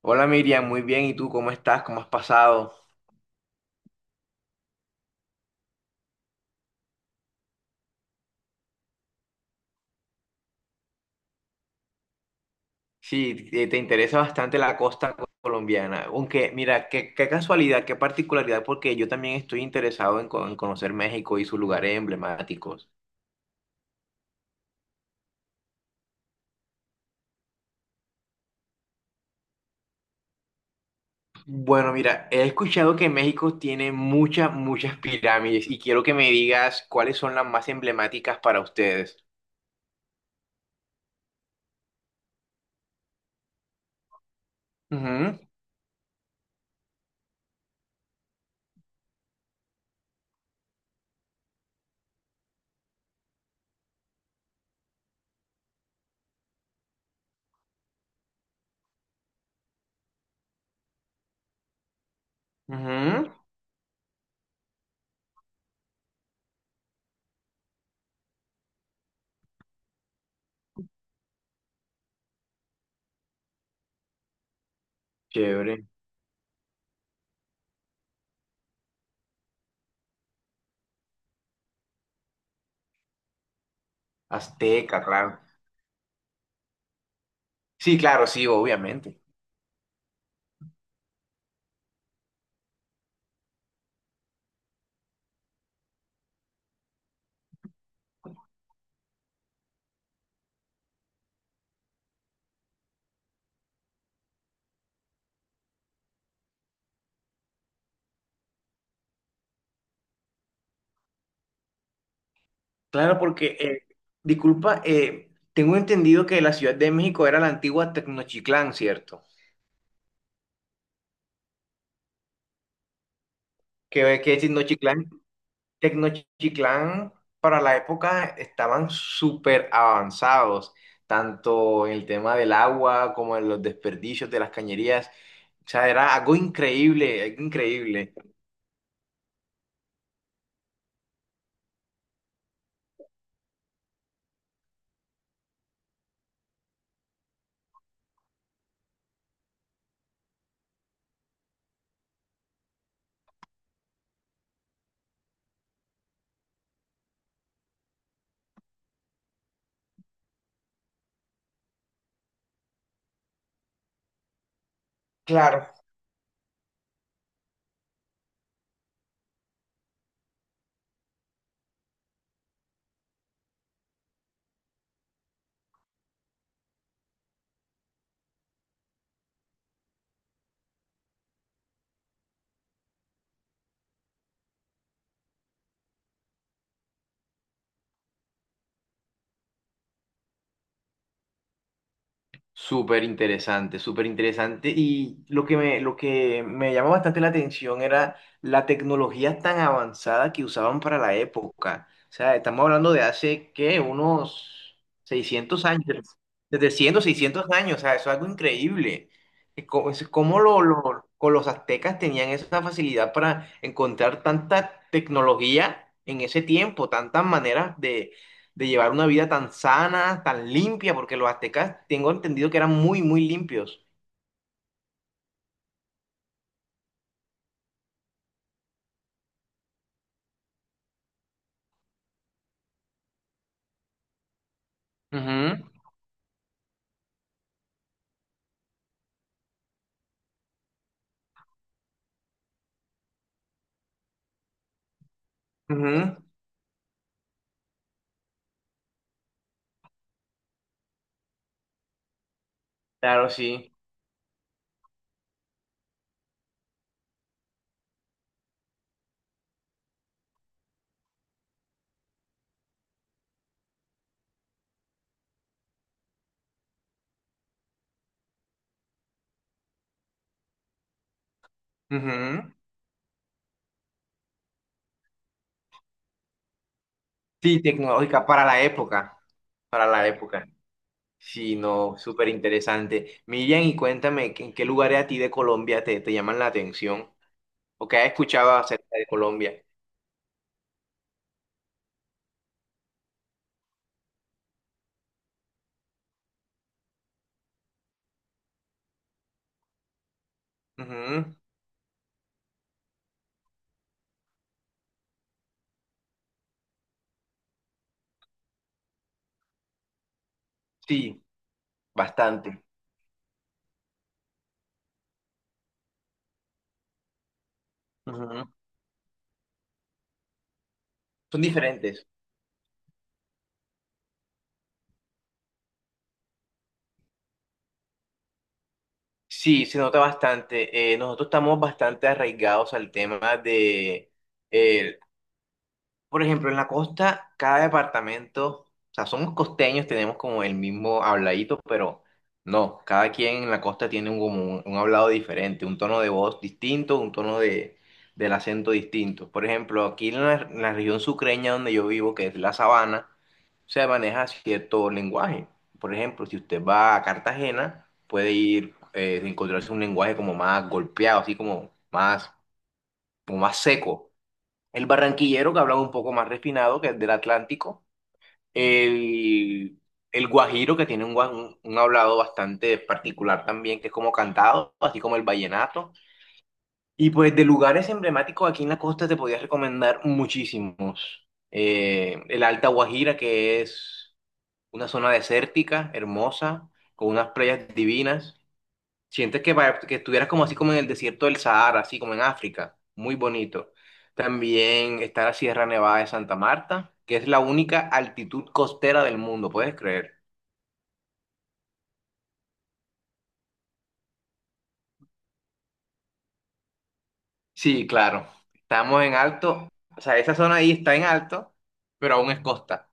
Hola Miriam, muy bien. ¿Y tú cómo estás? ¿Cómo has pasado? Sí, te interesa bastante la costa colombiana. Aunque, mira, qué casualidad, qué particularidad, porque yo también estoy interesado en conocer México y sus lugares emblemáticos. Bueno, mira, he escuchado que México tiene muchas, muchas pirámides y quiero que me digas cuáles son las más emblemáticas para ustedes. Ujú, ujú. Chévere. Azteca, claro. Sí, claro, sí, obviamente. Claro, porque, disculpa, tengo entendido que la Ciudad de México era la antigua Tecnochiclán, ¿cierto? Que Tecnochiclán, Tecnochiclán para la época estaban súper avanzados, tanto en el tema del agua como en los desperdicios de las cañerías. O sea, era algo increíble, algo increíble. Claro. Súper interesante, súper interesante. Y lo que me llamó bastante la atención era la tecnología tan avanzada que usaban para la época. O sea, estamos hablando de hace, ¿qué? Unos 600 años, desde 100, 600 años. O sea, eso es algo increíble. Es como con los aztecas tenían esa facilidad para encontrar tanta tecnología en ese tiempo, tantas maneras de llevar una vida tan sana, tan limpia, porque los aztecas tengo entendido que eran muy, muy limpios. Ujú, ujú, claro, sí. Ujú. Sí, tecnológica para la época, para la época. Sí, no, súper interesante. Miriam, y cuéntame, ¿que- ¿en qué lugares a ti de Colombia te llaman la atención? ¿O qué has escuchado acerca de Colombia? Ujú. Sí, bastante. Ujú. Son diferentes. Sí, se nota bastante. Nosotros estamos bastante arraigados al tema de, eh, por ejemplo, en la costa, cada departamento, o sea, somos costeños, tenemos como el mismo habladito, pero no, cada quien en la costa tiene un hablado diferente, un tono de voz distinto, del acento distinto. Por ejemplo, aquí en la región sucreña donde yo vivo, que es la sabana, se maneja cierto lenguaje. Por ejemplo, si usted va a Cartagena, puede ir, encontrarse un lenguaje como más golpeado, como más seco, el, barranquillero que habla un poco más refinado, que es del Atlántico, el, el guajiro que tiene un, gua- un hablado bastante particular también, que es como cantado, así como el vallenato. Y pues de lugares emblemáticos aquí en la costa te podía recomendar muchísimos. El Alta Guajira, que es una zona desértica, hermosa, con unas playas divinas. Sientes que estuvieras como así como en el desierto del Sahara, así como en África, muy bonito. También está la Sierra Nevada de Santa Marta, que es la única altitud costera del mundo, ¿puedes creer? Sí, claro, estamos en alto, o sea, esa zona ahí está en alto, pero aún es costa.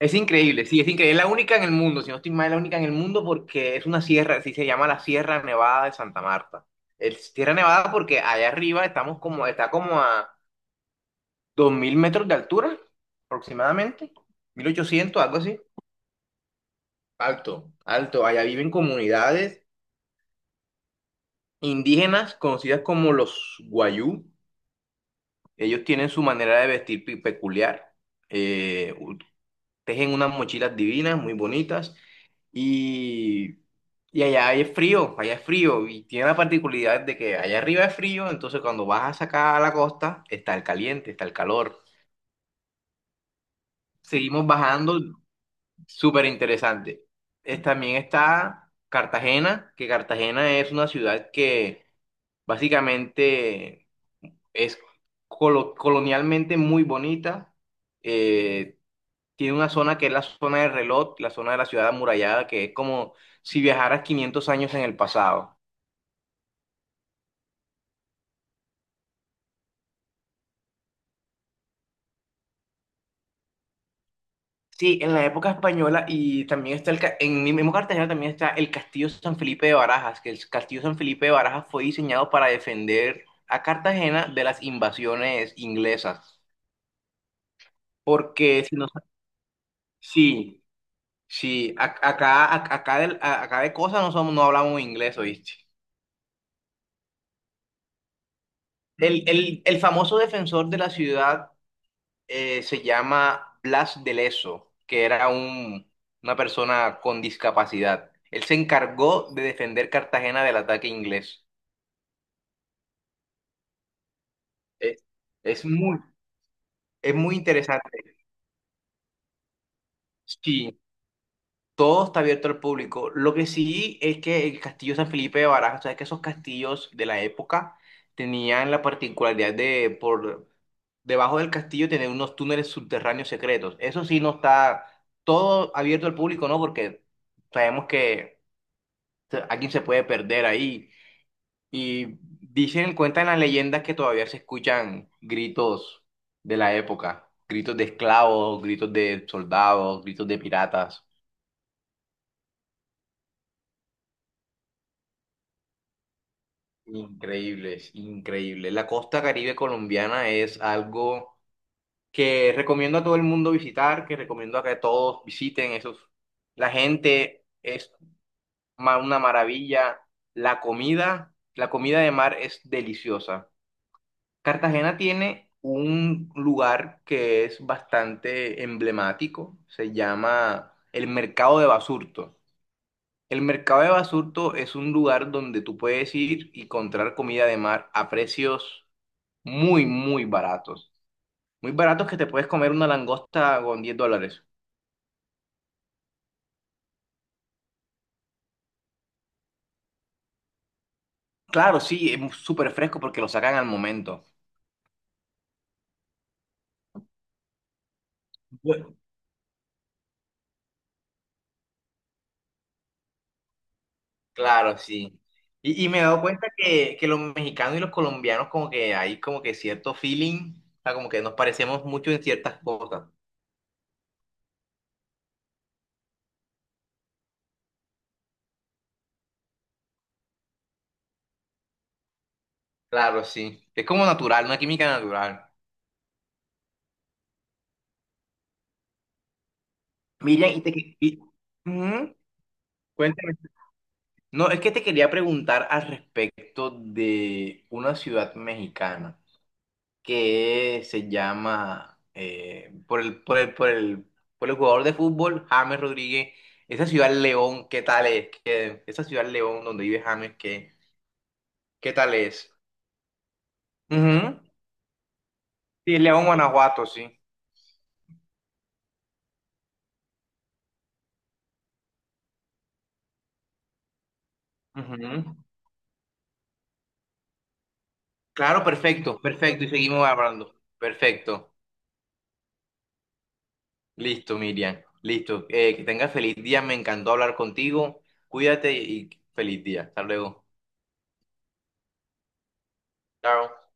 Es increíble, sí, es increíble, es la única en el mundo, si no estoy mal, es la única en el mundo porque es una sierra, así se llama la Sierra Nevada de Santa Marta. Es Sierra Nevada porque allá arriba está como a 2000 metros de altura aproximadamente, 1800 algo así. Alto, alto. Allá viven comunidades indígenas conocidas como los Guayú. Ellos tienen su manera de vestir peculiar. Eh, u- Tejen unas mochilas divinas, muy bonitas. Y, y allá es frío, allá es frío. Y tiene la particularidad de que allá arriba es frío, entonces cuando vas a sacar a la costa está el caliente, está el calor. Seguimos bajando. Súper interesante. También está Cartagena, que Cartagena es una ciudad que básicamente es colonialmente muy bonita. Eh, Tiene una zona que es la zona de reloj, la zona de la ciudad amurallada, que es como si viajaras 500 años en el pasado. Sí, en la época española y también está en mi mismo Cartagena también está el Castillo San Felipe de Barajas, que el Castillo San Felipe de Barajas fue diseñado para defender a Cartagena de las invasiones inglesas. Porque si no, sí, sí, acá, acá, acá de cosas no somos, no hablamos inglés, ¿oíste? El famoso defensor de la ciudad se llama Blas de Leso, que era una persona con discapacidad. Él se encargó de defender Cartagena del ataque inglés. Es, es muy, es muy interesante. Sí, todo está abierto al público. Lo que sí es que el castillo San Felipe de Barajas, o sea, que esos castillos de la época tenían la particularidad de por debajo del castillo tener unos túneles subterráneos secretos. Eso sí no está todo abierto al público, ¿no? Porque sabemos que alguien se puede perder ahí. Y dicen, cuentan las leyendas que todavía se escuchan gritos de la época, gritos de esclavos, gritos de soldados, gritos de piratas. Increíbles, increíbles. La costa Caribe colombiana es algo que recomiendo a todo el mundo visitar, que recomiendo a que todos visiten esos. La gente es una maravilla. La comida de mar es deliciosa. Cartagena tiene un lugar que es bastante emblemático, se llama el Mercado de Basurto. El Mercado de Basurto es un lugar donde tú puedes ir y comprar comida de mar a precios muy, muy baratos. Muy baratos que te puedes comer una langosta con $10. Claro, sí, es súper fresco porque lo sacan al momento. Bu- Claro, sí. Y me he dado cuenta que los mexicanos y los colombianos como que hay como que cierto feeling, o sea, como que nos parecemos mucho en ciertas cosas. Claro, sí. Es como natural, una química natural. Miriam, ujú, cuéntame. No, es que te quería preguntar al respecto de una ciudad mexicana que se llama por el jugador de fútbol James Rodríguez. Esa ciudad León, ¿qué tal es? ¿Esa ciudad León donde vive James, ¿qué tal es? Ujú. Sí, León, Guanajuato, sí. Ujú. Claro, perfecto, perfecto. Y seguimos hablando. Perfecto. Listo, Miriam. Listo. Que tengas feliz día. Me encantó hablar contigo. Cuídate y feliz día. Hasta luego. Chao.